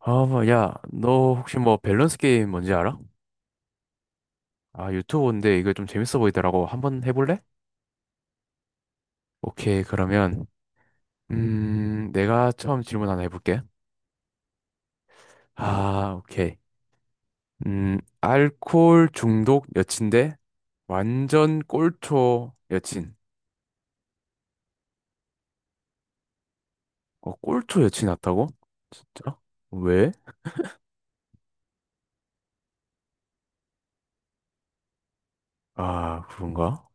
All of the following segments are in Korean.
아, 뭐, 야, 너 혹시 뭐 밸런스 게임 뭔지 알아? 아, 유튜브인데 이거 좀 재밌어 보이더라고. 한번 해볼래? 오케이, 그러면, 내가 처음 질문 하나 해볼게. 아, 오케이. 알코올 중독 여친데 완전 꼴초 여친. 어, 꼴초 여친 같다고? 진짜? 왜? 아, 그런가?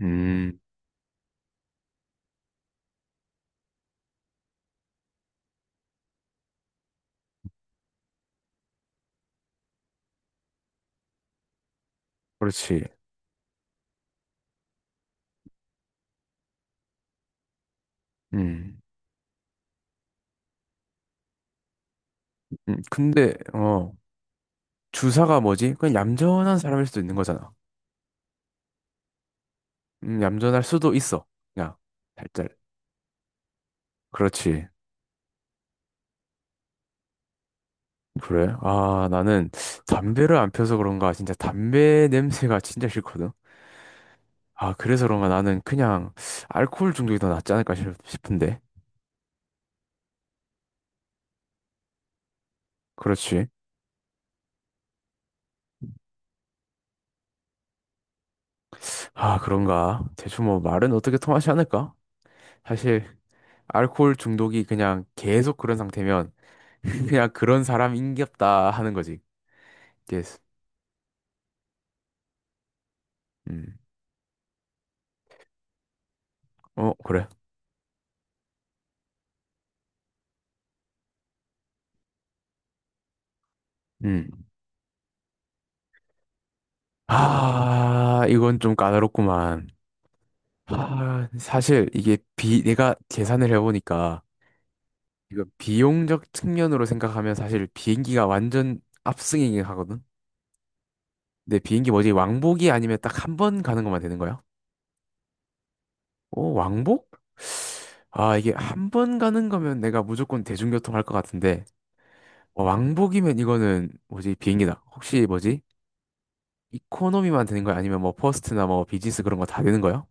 음, 그렇지. 음, 음, 근데, 어, 주사가 뭐지? 그냥 얌전한 사람일 수도 있는 거잖아. 얌전할 수도 있어. 그냥 살짝. 그렇지. 그래? 아, 나는 담배를 안 펴서 그런가 진짜 담배 냄새가 진짜 싫거든. 아, 그래서 그런가 나는 그냥 알코올 중독이 더 낫지 않을까 싶은데. 그렇지. 아, 그런가? 대충 뭐 말은 어떻게 통하지 않을까? 사실 알코올 중독이 그냥 계속 그런 상태면 그냥 그런 사람인갑다 하는 거지. 예스. 음. 어, 그래. 음. 아, 이건 좀 까다롭구만. 아, 사실 이게 비 내가 계산을 해보니까 이거 비용적 측면으로 생각하면 사실 비행기가 완전 압승이긴 하거든. 근데 비행기 뭐지 왕복이 아니면 딱 한 번 가는 것만 되는 거야? 오 왕복? 아 이게 한 번 가는 거면 내가 무조건 대중교통 할 것 같은데 어, 왕복이면 이거는 뭐지 비행기다. 혹시 뭐지 이코노미만 되는 거야? 아니면 뭐 퍼스트나 뭐 비즈니스 그런 거 다 되는 거야?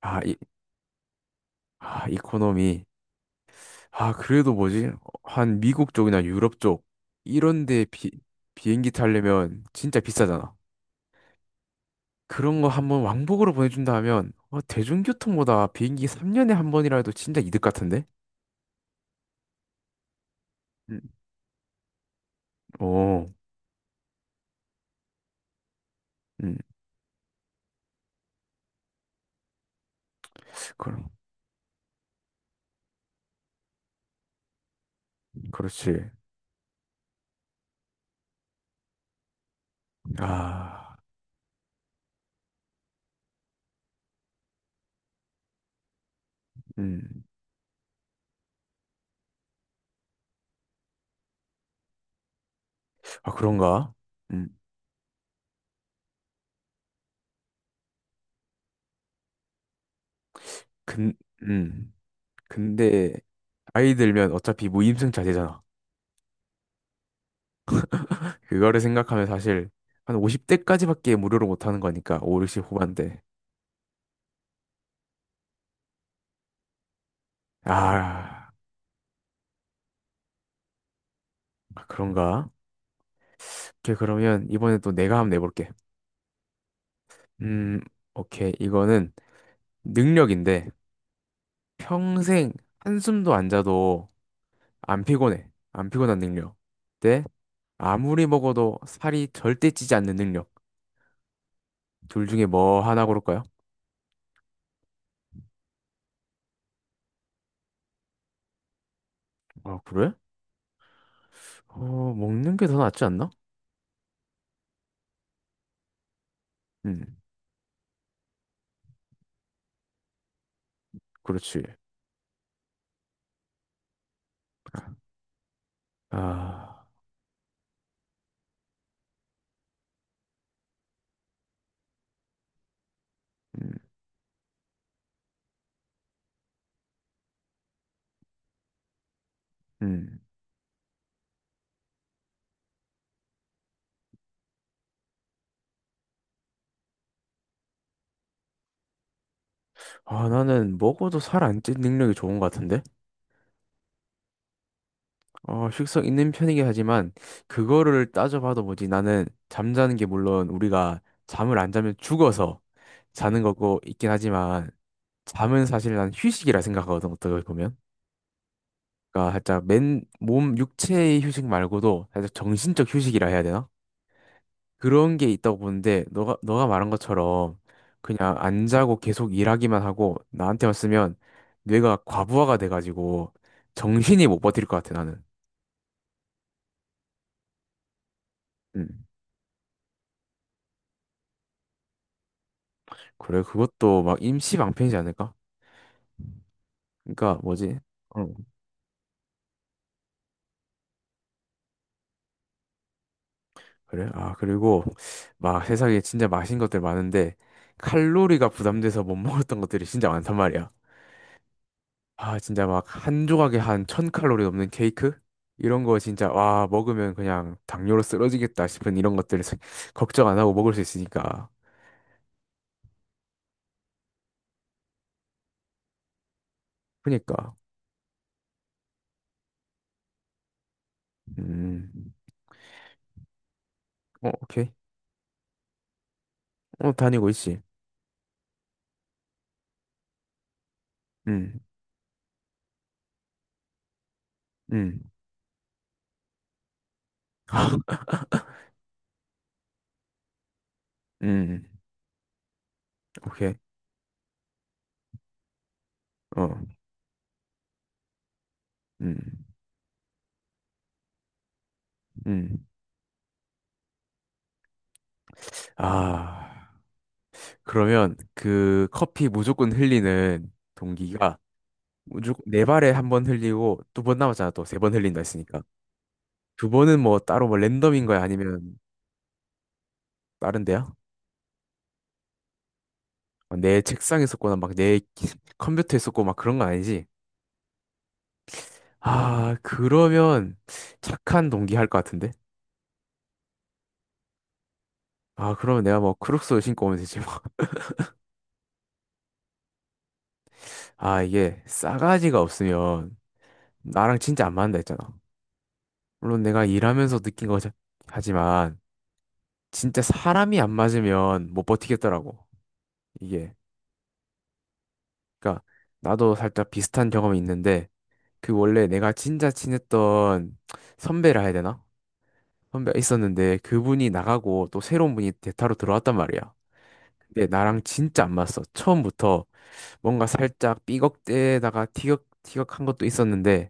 아, 이, 아 이코노미. 아, 그래도 뭐지? 한 미국 쪽이나 유럽 쪽 이런 데 비행기 타려면 진짜 비싸잖아. 그런 거 한번 왕복으로 보내준다 하면 어, 대중교통보다 비행기 3년에 한 번이라도 진짜 이득 같은데? 음. 오, 음, 그, 그렇지. 아, 음, 아, 그런가? 음, 근, 음, 근데 아이 들면 어차피 무임승 자제잖아. 그거를 생각하면 사실 한 50대까지밖에 무료로 못 하는 거니까 5, 60 후반대. 아. 아, 그런가? 오케이, 그러면 이번에 또 내가 한번 내볼게. 음, 오케이. 이거는 능력인데 평생 한숨도 안 자도 안 피곤해. 안 피곤한 능력. 네? 아무리 먹어도 살이 절대 찌지 않는 능력. 둘 중에 뭐 하나 고를까요? 아, 그래? 어, 먹는 게 더 낫지 않나? 음, 그렇지. 아, 음, 음. 아, 나는 먹어도 살 안 찌는 능력이 좋은 것 같은데? 어, 식성 있는 편이긴 하지만 그거를 따져봐도 뭐지 나는 잠자는 게 물론 우리가 잠을 안 자면 죽어서 자는 거고 있긴 하지만 잠은 사실 난 휴식이라 생각하거든 어떻게 보면 그러니까 살짝 맨 몸 육체의 휴식 말고도 살짝 정신적 휴식이라 해야 되나? 그런 게 있다고 보는데 너가 말한 것처럼 그냥 안 자고 계속 일하기만 하고 나한테 왔으면 뇌가 과부하가 돼가지고 정신이 못 버틸 것 같아 나는. 음. 그래, 그것도 막 임시 방편이지 않을까? 그러니까 뭐지? 어. 그래? 아, 그리고 막 세상에 진짜 맛있는 것들 많은데 칼로리가 부담돼서 못 먹었던 것들이 진짜 많단 말이야. 아, 진짜 막 한 조각에 한 1,000 칼로리 넘는 케이크? 이런 거 진짜 와, 먹으면 그냥 당뇨로 쓰러지겠다 싶은 이런 것들을 걱정 안 하고 먹을 수 있으니까. 그니까. 음. 어, 오케이. 어, 다니고 있지. 음. 음. 음. 오케이. 어. 음. 음. 아. 그러면 그 커피 무조건 흘리는 동기가 무조건 네 발에 한 번 흘리고 두 번 남았잖아. 또 세 번 흘린다 했으니까. 두 번은 뭐 따로 뭐 랜덤인 거야? 아니면 다른 데야? 아, 내 책상에 썼거나 막 내 컴퓨터에 썼고 막 그런 건 아니지? 아, 그러면 착한 동기 할 것 같은데? 아, 그러면 내가 뭐 크록스 신고 오면 되지 뭐. 아, 이게 싸가지가 없으면 나랑 진짜 안 맞는다 했잖아. 물론 내가 일하면서 느낀 거지. 하지만 진짜 사람이 안 맞으면 못 버티겠더라고. 이게. 그러니까 나도 살짝 비슷한 경험이 있는데 그 원래 내가 진짜 친했던 선배라 해야 되나? 선배가 있었는데 그분이 나가고 또 새로운 분이 대타로 들어왔단 말이야. 근데 나랑 진짜 안 맞았어. 처음부터 뭔가 살짝 삐걱대다가 티격티격한 것도 있었는데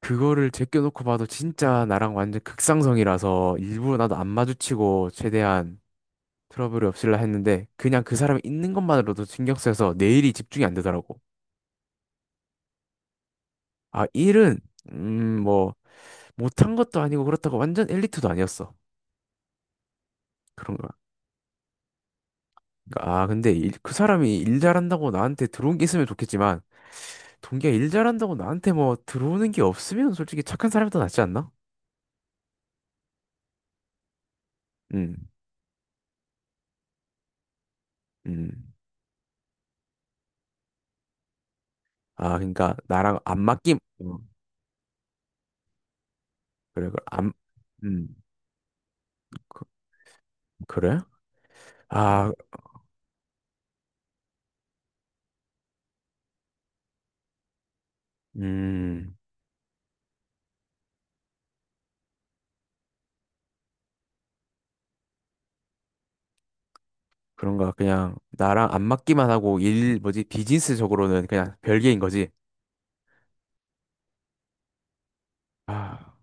그거를 제껴놓고 봐도 진짜 나랑 완전 극상성이라서 일부러 나도 안 마주치고 최대한 트러블이 없을라 했는데 그냥 그 사람이 있는 것만으로도 신경 쓰여서 내 일이 집중이 안 되더라고. 아, 일은 뭐 못한 것도 아니고 그렇다고 완전 엘리트도 아니었어. 그런가? 아, 그 사람이 일 잘한다고 나한테 들어온 게 있으면 좋겠지만 동기가 일 잘한다고 나한테 뭐 들어오는 게 없으면 솔직히 착한 사람이 더 낫지 않나? 음. 음. 아, 그러니까 나랑 안 맞기 어, 그래 그래. 안 음. 그, 그래? 아, 음. 그런가 그냥 나랑 안 맞기만 하고 일 뭐지 비즈니스적으로는 그냥 별개인 거지. 아,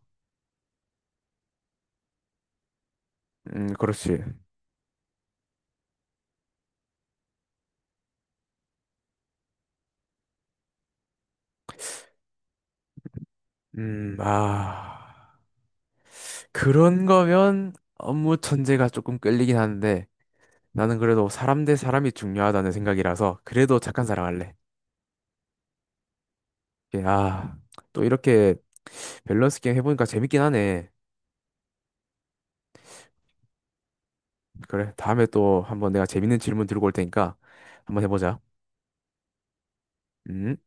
그렇지. 아, 그런 거면 업무 천재가 조금 끌리긴 하는데 나는 그래도 사람 대 사람이 중요하다는 생각이라서 그래도 착한 사람 할래. 예, 아, 또 이렇게 밸런스 게임 해보니까 재밌긴 하네. 그래, 다음에 또 한번 내가 재밌는 질문 들고 올 테니까 한번 해보자. 음.